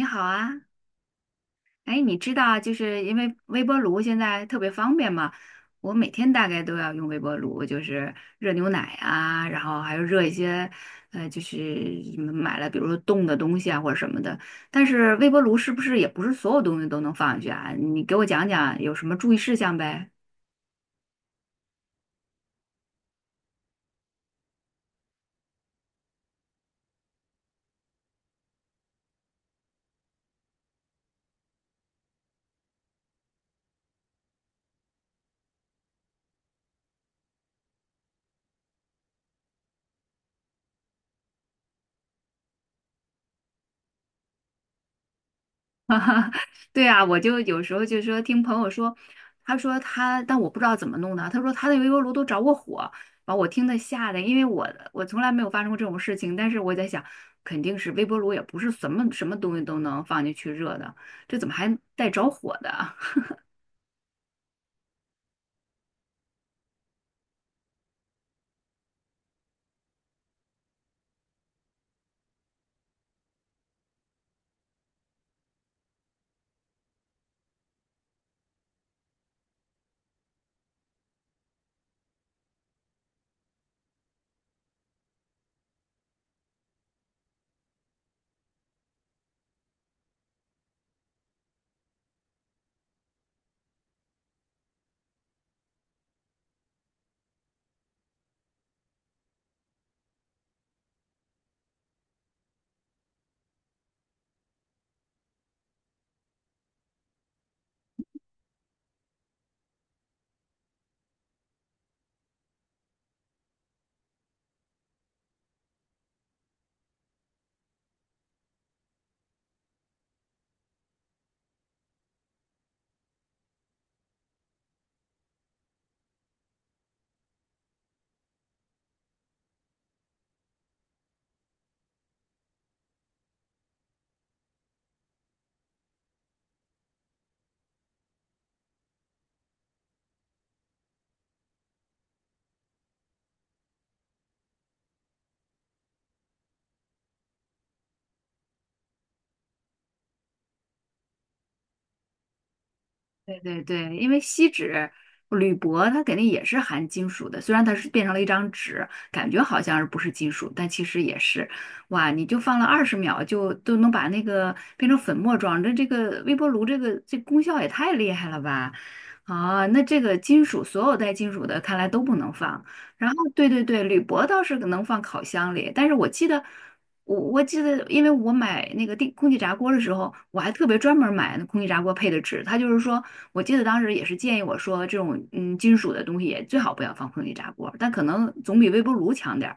你好啊，哎，你知道，就是因为微波炉现在特别方便嘛，我每天大概都要用微波炉，就是热牛奶啊，然后还有热一些，就是什么买了，比如说冻的东西啊或者什么的。但是微波炉是不是也不是所有东西都能放进去啊？你给我讲讲有什么注意事项呗？哈哈，对啊，我就有时候就说听朋友说，他说他，但我不知道怎么弄的。他说他的微波炉都着过火，把我听的吓的，因为我从来没有发生过这种事情。但是我在想，肯定是微波炉也不是什么什么东西都能放进去热的，这怎么还带着火的？对对对，因为锡纸、铝箔它肯定也是含金属的，虽然它是变成了一张纸，感觉好像是不是金属，但其实也是。哇，你就放了20秒就都能把那个变成粉末状，这个微波炉这个这功效也太厉害了吧！啊，那这个金属所有带金属的看来都不能放。然后对对对，铝箔倒是能放烤箱里，但是我记得。我记得，因为我买那个电空气炸锅的时候，我还特别专门买那空气炸锅配的纸。它就是说，我记得当时也是建议我说，这种嗯金属的东西也最好不要放空气炸锅，但可能总比微波炉强点儿。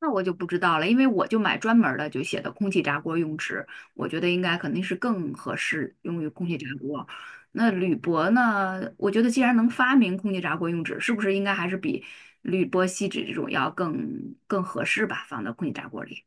那我就不知道了，因为我就买专门儿的，就写的空气炸锅用纸，我觉得应该肯定是更合适用于空气炸锅。那铝箔呢？我觉得既然能发明空气炸锅用纸，是不是应该还是比铝箔锡纸这种要更更合适吧，放到空气炸锅里。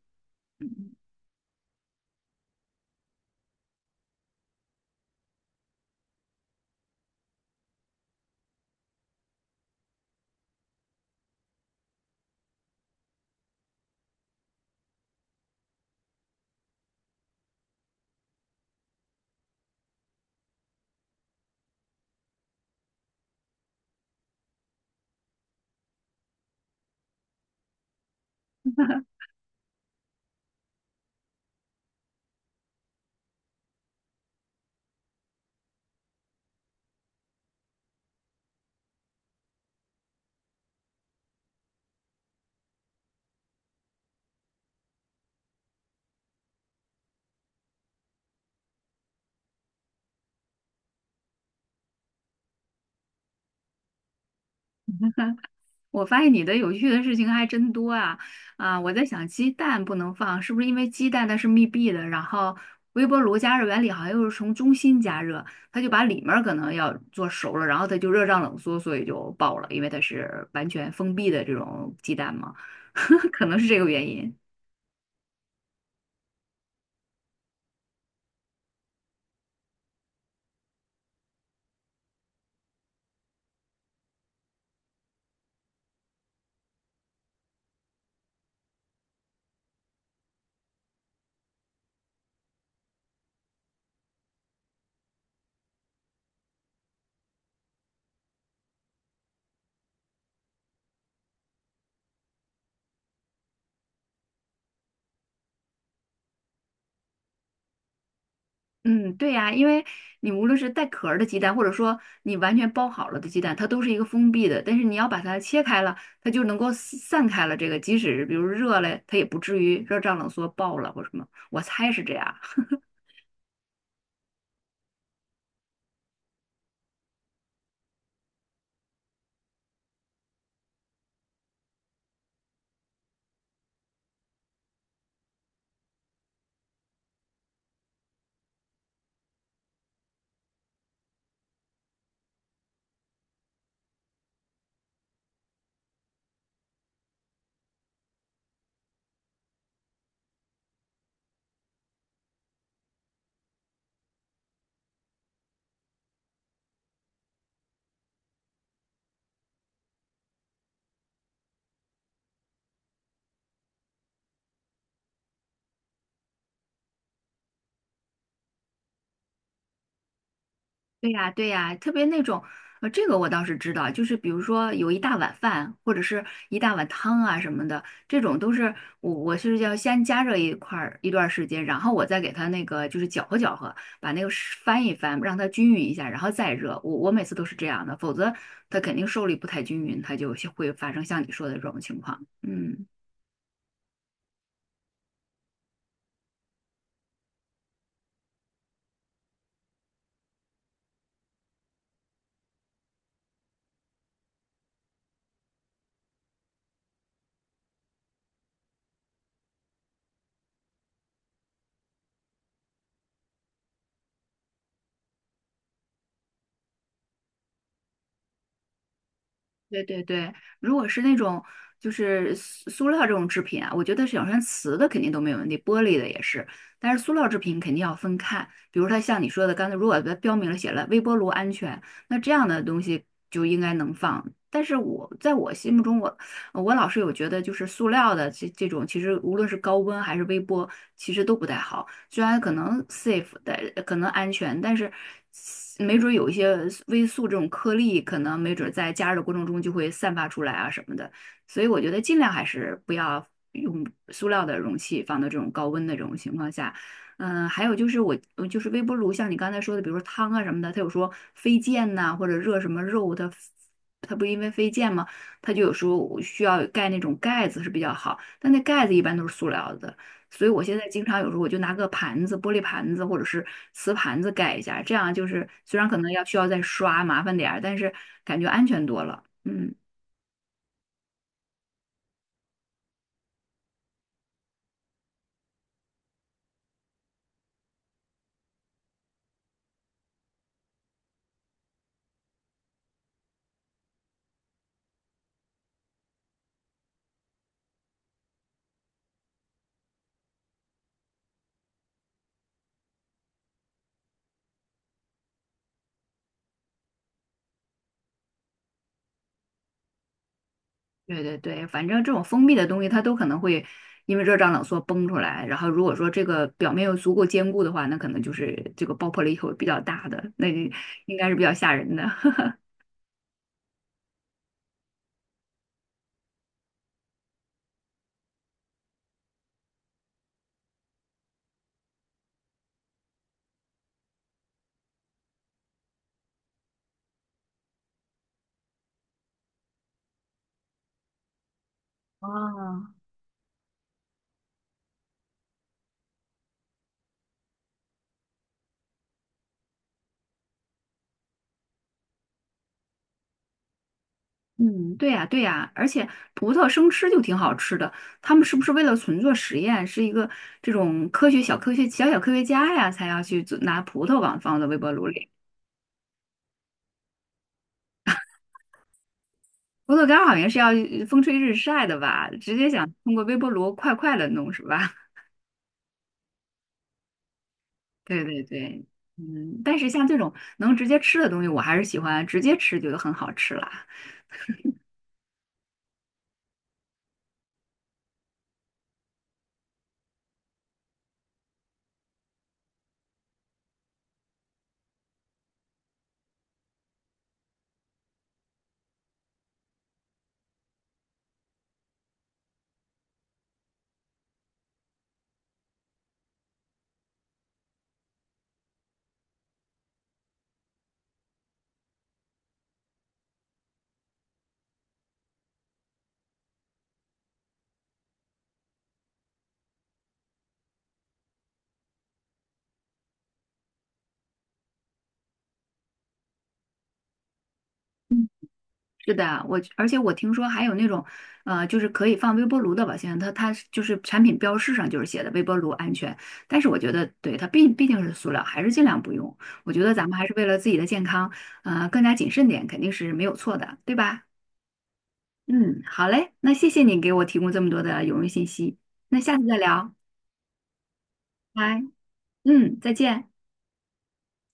我发现你的有趣的事情还真多啊！啊，我在想鸡蛋不能放，是不是因为鸡蛋它是密闭的？然后微波炉加热原理好像又是从中心加热，它就把里面儿可能要做熟了，然后它就热胀冷缩，所以就爆了，因为它是完全封闭的这种鸡蛋嘛，可能是这个原因。嗯，对呀，因为你无论是带壳儿的鸡蛋，或者说你完全包好了的鸡蛋，它都是一个封闭的。但是你要把它切开了，它就能够散散开了。这个即使比如热了，它也不至于热胀冷缩爆了或什么。我猜是这样。对呀，对呀，特别那种，这个我倒是知道，就是比如说有一大碗饭，或者是一大碗汤啊什么的，这种都是我是要先加热一块儿一段儿时间，然后我再给它那个就是搅和搅和，把那个是翻一翻，让它均匀一下，然后再热。我每次都是这样的，否则它肯定受力不太均匀，它就会发生像你说的这种情况。嗯。对对对，如果是那种就是塑料这种制品啊，我觉得是有像瓷的肯定都没有问题，玻璃的也是，但是塑料制品肯定要分看。比如它像你说的，刚才如果它标明了写了微波炉安全，那这样的东西就应该能放。但是我在我心目中，我我老是有觉得，就是塑料的这种，其实无论是高温还是微波，其实都不太好。虽然可能 safe，的可能安全，但是没准儿有一些微塑这种颗粒，可能没准儿在加热的过程中就会散发出来啊什么的。所以我觉得尽量还是不要用塑料的容器放到这种高温的这种情况下。嗯，还有就是我，就是微波炉，像你刚才说的，比如说汤啊什么的，它有说飞溅呐、或者热什么肉，它不因为飞溅吗？它就有时候需要盖那种盖子是比较好，但那盖子一般都是塑料的，所以我现在经常有时候我就拿个盘子，玻璃盘子或者是瓷盘子盖一下，这样就是虽然可能要需要再刷，麻烦点儿，但是感觉安全多了。嗯，对对对，反正这种封闭的东西它都可能会因为热胀冷缩崩出来，然后如果说这个表面又足够坚固的话，那可能就是这个爆破力会比较大的，那应该是比较吓人的。哦，嗯，对呀，对呀，而且葡萄生吃就挺好吃的。他们是不是为了纯做实验，是一个这种科学小科学小小科学家呀，才要去做拿葡萄往放到微波炉里？葡萄干儿好像是要风吹日晒的吧？直接想通过微波炉快快的弄是吧？对对对，嗯，但是像这种能直接吃的东西，我还是喜欢直接吃，觉得很好吃啦。是的，而且我听说还有那种，就是可以放微波炉的保鲜它它就是产品标识上就是写的微波炉安全，但是我觉得对它毕毕竟是塑料，还是尽量不用。我觉得咱们还是为了自己的健康，更加谨慎点肯定是没有错的，对吧？嗯，好嘞，那谢谢你给我提供这么多的有用信息，那下次再聊，拜，嗯，再见。